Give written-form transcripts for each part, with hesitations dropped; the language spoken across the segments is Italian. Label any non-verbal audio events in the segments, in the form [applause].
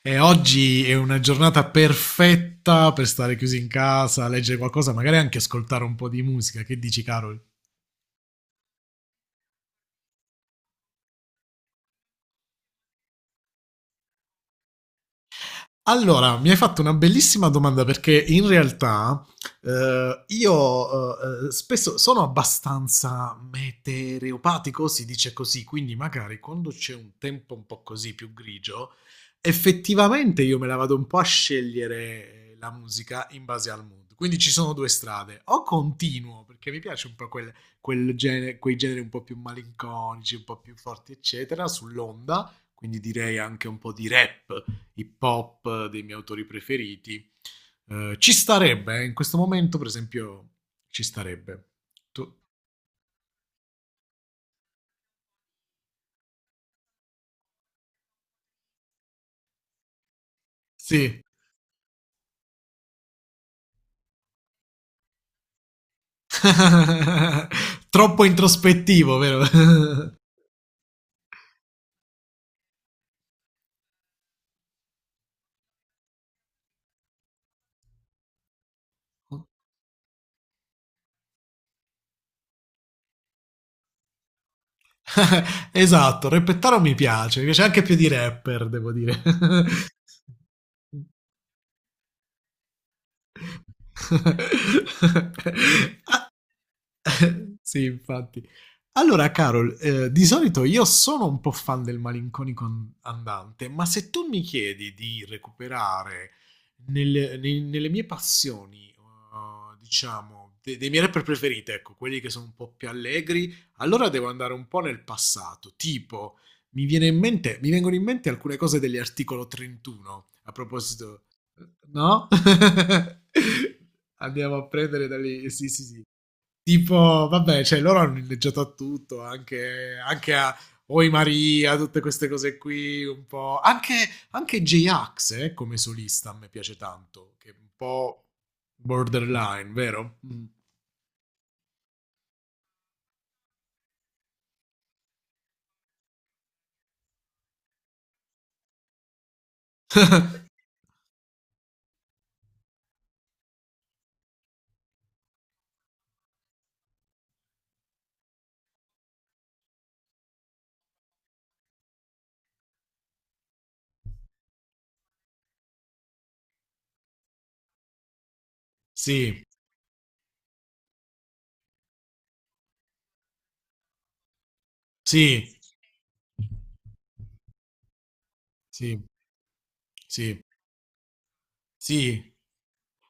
E oggi è una giornata perfetta per stare chiusi in casa, leggere qualcosa, magari anche ascoltare un po' di musica. Che dici, Carol? Allora, mi hai fatto una bellissima domanda perché in realtà, io spesso sono abbastanza meteoropatico, si dice così. Quindi magari quando c'è un tempo un po' così più grigio, effettivamente io me la vado un po' a scegliere, la musica in base al mood. Quindi ci sono due strade: o continuo perché mi piace un po' quel genere, quei generi un po' più malinconici, un po' più forti, eccetera, sull'onda, quindi direi anche un po' di rap hip hop dei miei autori preferiti. Ci starebbe, in questo momento, per esempio, ci starebbe. Tu- Sì. [laughs] Troppo introspettivo, vero? [laughs] Esatto, rappettaro mi piace anche più di rapper, devo dire. [laughs] [laughs] Sì, infatti. Allora, Carol, di solito io sono un po' fan del malinconico andante, ma se tu mi chiedi di recuperare nelle mie passioni, diciamo, dei miei rapper preferiti, ecco, quelli che sono un po' più allegri, allora devo andare un po' nel passato. Tipo, mi viene in mente, mi vengono in mente alcune cose degli articolo 31, a proposito, eh, no? [laughs] Andiamo a prendere da lì, sì, sì, sì, tipo, vabbè, cioè loro hanno inneggiato a tutto, anche a Oi Maria, tutte queste cose qui, un po'. Anche J-Ax, come solista, a me piace tanto, che è un po' borderline, vero? Mm. Sì, sì, sì, sì, sì.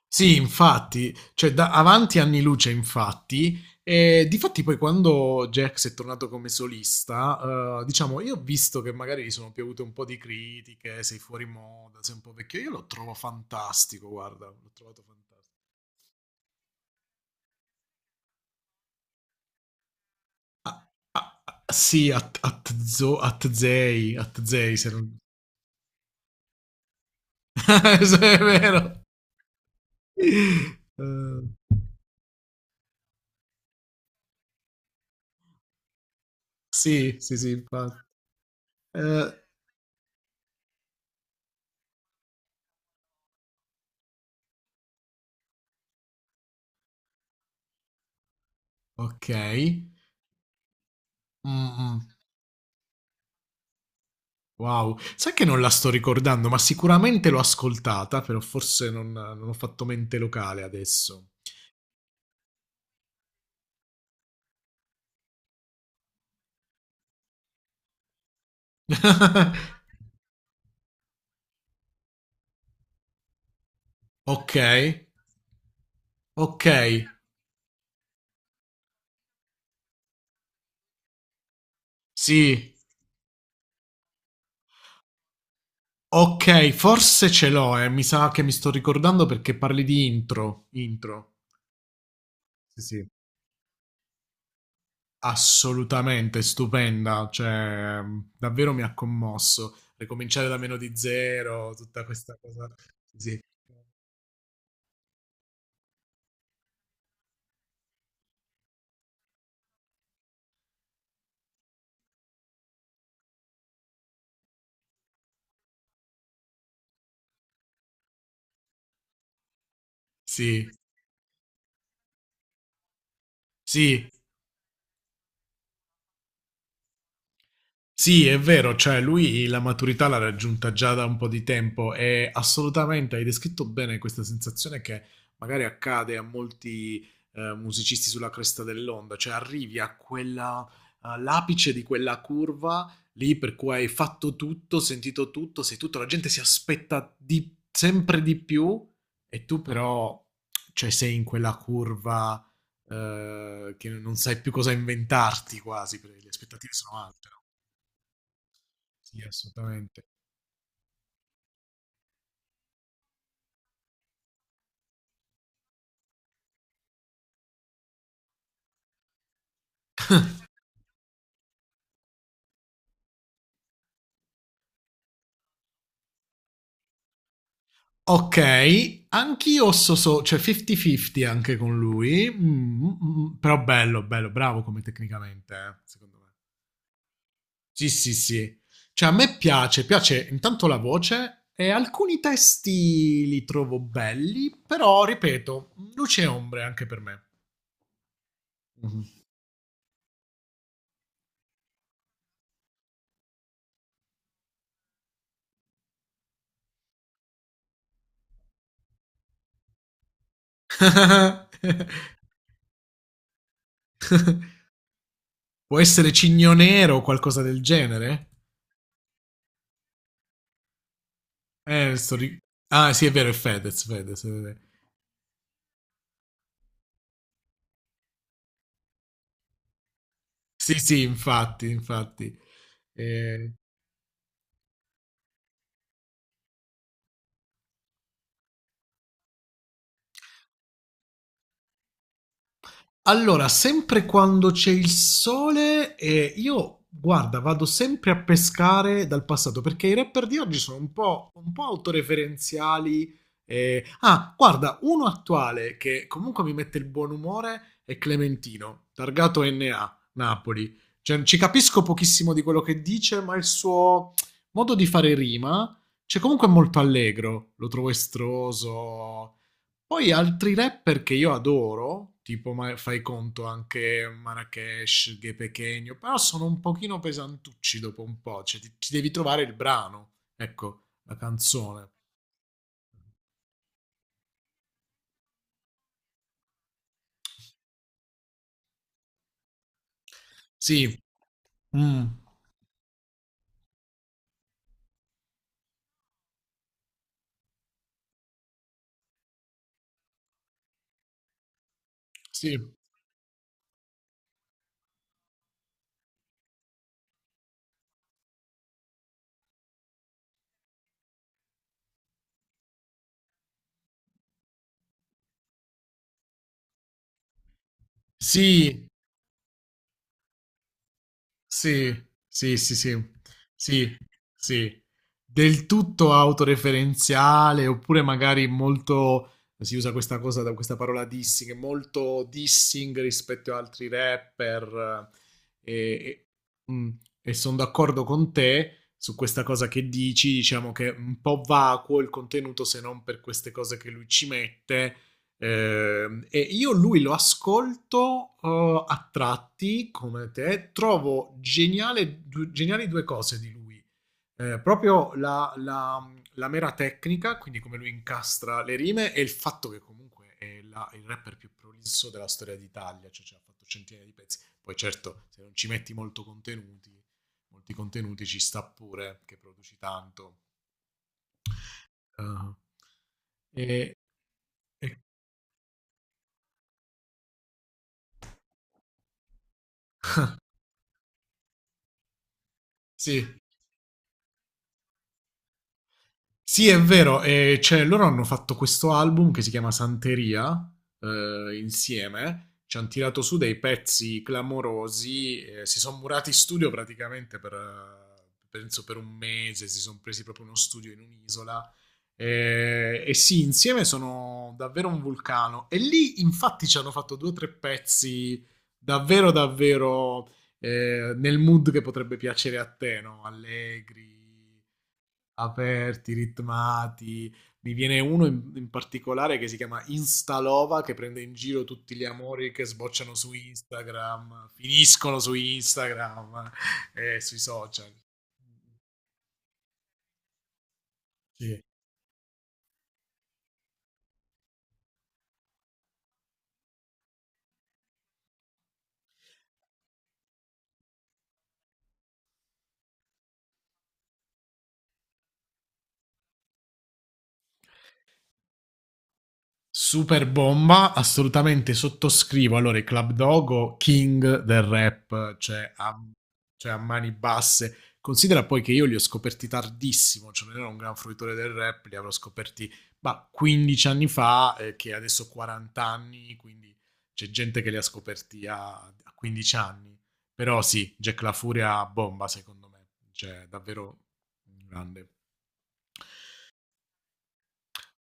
Sì, infatti, cioè da avanti anni luce, infatti. E difatti poi quando Jax è tornato come solista, diciamo, io ho visto che magari gli sono piovute un po' di critiche, sei fuori moda, sei un po' vecchio. Io lo trovo fantastico, guarda, l'ho trovato fantastico. Ah, ah, ah, sì, at, zo, at zei, se non. [laughs] Sì, è vero. Eh, sì, sì, sì, infatti. Eh, ok. Mm, mm. Wow, sai che non la sto ricordando, ma sicuramente l'ho ascoltata, però forse non, non ho fatto mente locale adesso. [laughs] Ok, ok, sì, ok, forse ce l'ho, eh. Mi sa che mi sto ricordando perché parli di intro, intro. Sì, sì, assolutamente stupenda, cioè davvero mi ha commosso. Ricominciare da meno di zero, tutta questa cosa. Sì, sì, sì. Sì, è vero, cioè lui la maturità l'ha raggiunta già da un po' di tempo, e assolutamente hai descritto bene questa sensazione che magari accade a molti, musicisti sulla cresta dell'onda, cioè arrivi a quella, all'apice di quella curva lì per cui hai fatto tutto, sentito tutto, sei tutto, la gente si aspetta sempre di più, e tu però, cioè, sei in quella curva che non sai più cosa inventarti quasi, perché le aspettative sono alte. No? Sì, assolutamente. Ok, anch'io so cioè 50-50 anche con lui. Mm, mm, mm, però bello, bello, bravo come tecnicamente, secondo me. Sì, sì, sì. Cioè a me piace intanto la voce, e alcuni testi li trovo belli, però ripeto, luce e ombre anche per me. Mhm. [laughs] Può essere Cigno Nero o qualcosa del genere? Eh, sto ri- Ah, sì, è vero, è Fedez, Fedez. È vero. Sì, sì, infatti, infatti. Eh, allora, sempre quando c'è il sole, io guarda, vado sempre a pescare dal passato perché i rapper di oggi sono un po' autoreferenziali. Ah, guarda, uno attuale che comunque mi mette il buon umore è Clementino, targato NA, Napoli. Cioè, ci capisco pochissimo di quello che dice, ma il suo modo di fare rima, cioè comunque è molto allegro, lo trovo estroso. Poi altri rapper che io adoro, tipo fai conto anche Marrakesh, Ghe Pequeno, però sono un pochino pesantucci dopo un po', cioè ti devi trovare il brano, ecco, la canzone. Sì, mm, sì, sì. Sì, sì, sì, sì, sì, sì. Del tutto autoreferenziale, oppure magari molto, si usa questa cosa, da questa parola dissing, molto dissing rispetto ad altri rapper. eh, E, sono d'accordo con te su questa cosa che dici, diciamo che è un po' vacuo il contenuto, se non per queste cose che lui ci mette, e io lui lo ascolto, a tratti come te, trovo geniale, geniali due cose di lui. Proprio la mera tecnica, quindi come lui incastra le rime e il fatto che comunque è il rapper più prolisso della storia d'Italia, cioè, ha fatto centinaia di pezzi, poi certo se non ci metti molto contenuti, molti contenuti ci sta pure che produci tanto. Ah. E- e- sì. Sì, è vero, e cioè, loro hanno fatto questo album che si chiama Santeria, insieme, ci hanno tirato su dei pezzi clamorosi, si sono murati in studio praticamente per, penso per un mese, si sono presi proprio uno studio in un'isola, e sì, insieme sono davvero un vulcano. E lì, infatti, ci hanno fatto due o tre pezzi davvero, davvero, nel mood che potrebbe piacere a te, no? Allegri, aperti, ritmati. Mi viene uno in particolare che si chiama Instalova, che prende in giro tutti gli amori che sbocciano su Instagram, finiscono su Instagram e sui social. Sì, super bomba, assolutamente sottoscrivo. Allora, i Club Dogo, king del rap, cioè a mani basse. Considera poi che io li ho scoperti tardissimo, cioè non ero un gran fruitore del rap, li avrò scoperti ma 15 anni fa, che adesso ho 40 anni, quindi c'è gente che li ha scoperti a, 15 anni. Però sì, Jack La Furia bomba, secondo me, cioè davvero grande.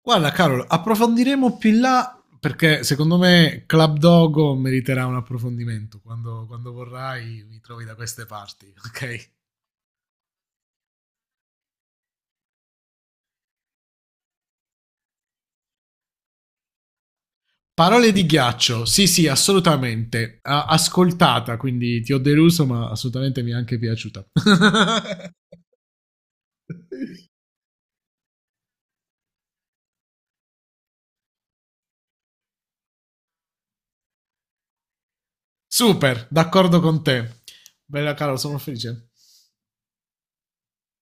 Guarda, Carol, approfondiremo più in là perché secondo me Club Dogo meriterà un approfondimento. Quando, quando vorrai mi trovi da queste parti, [laughs] ok? Parole di ghiaccio, sì sì, assolutamente. Ascoltata, quindi ti ho deluso, ma assolutamente mi è anche piaciuta. [laughs] Super, d'accordo con te. Bella Carol, sono felice.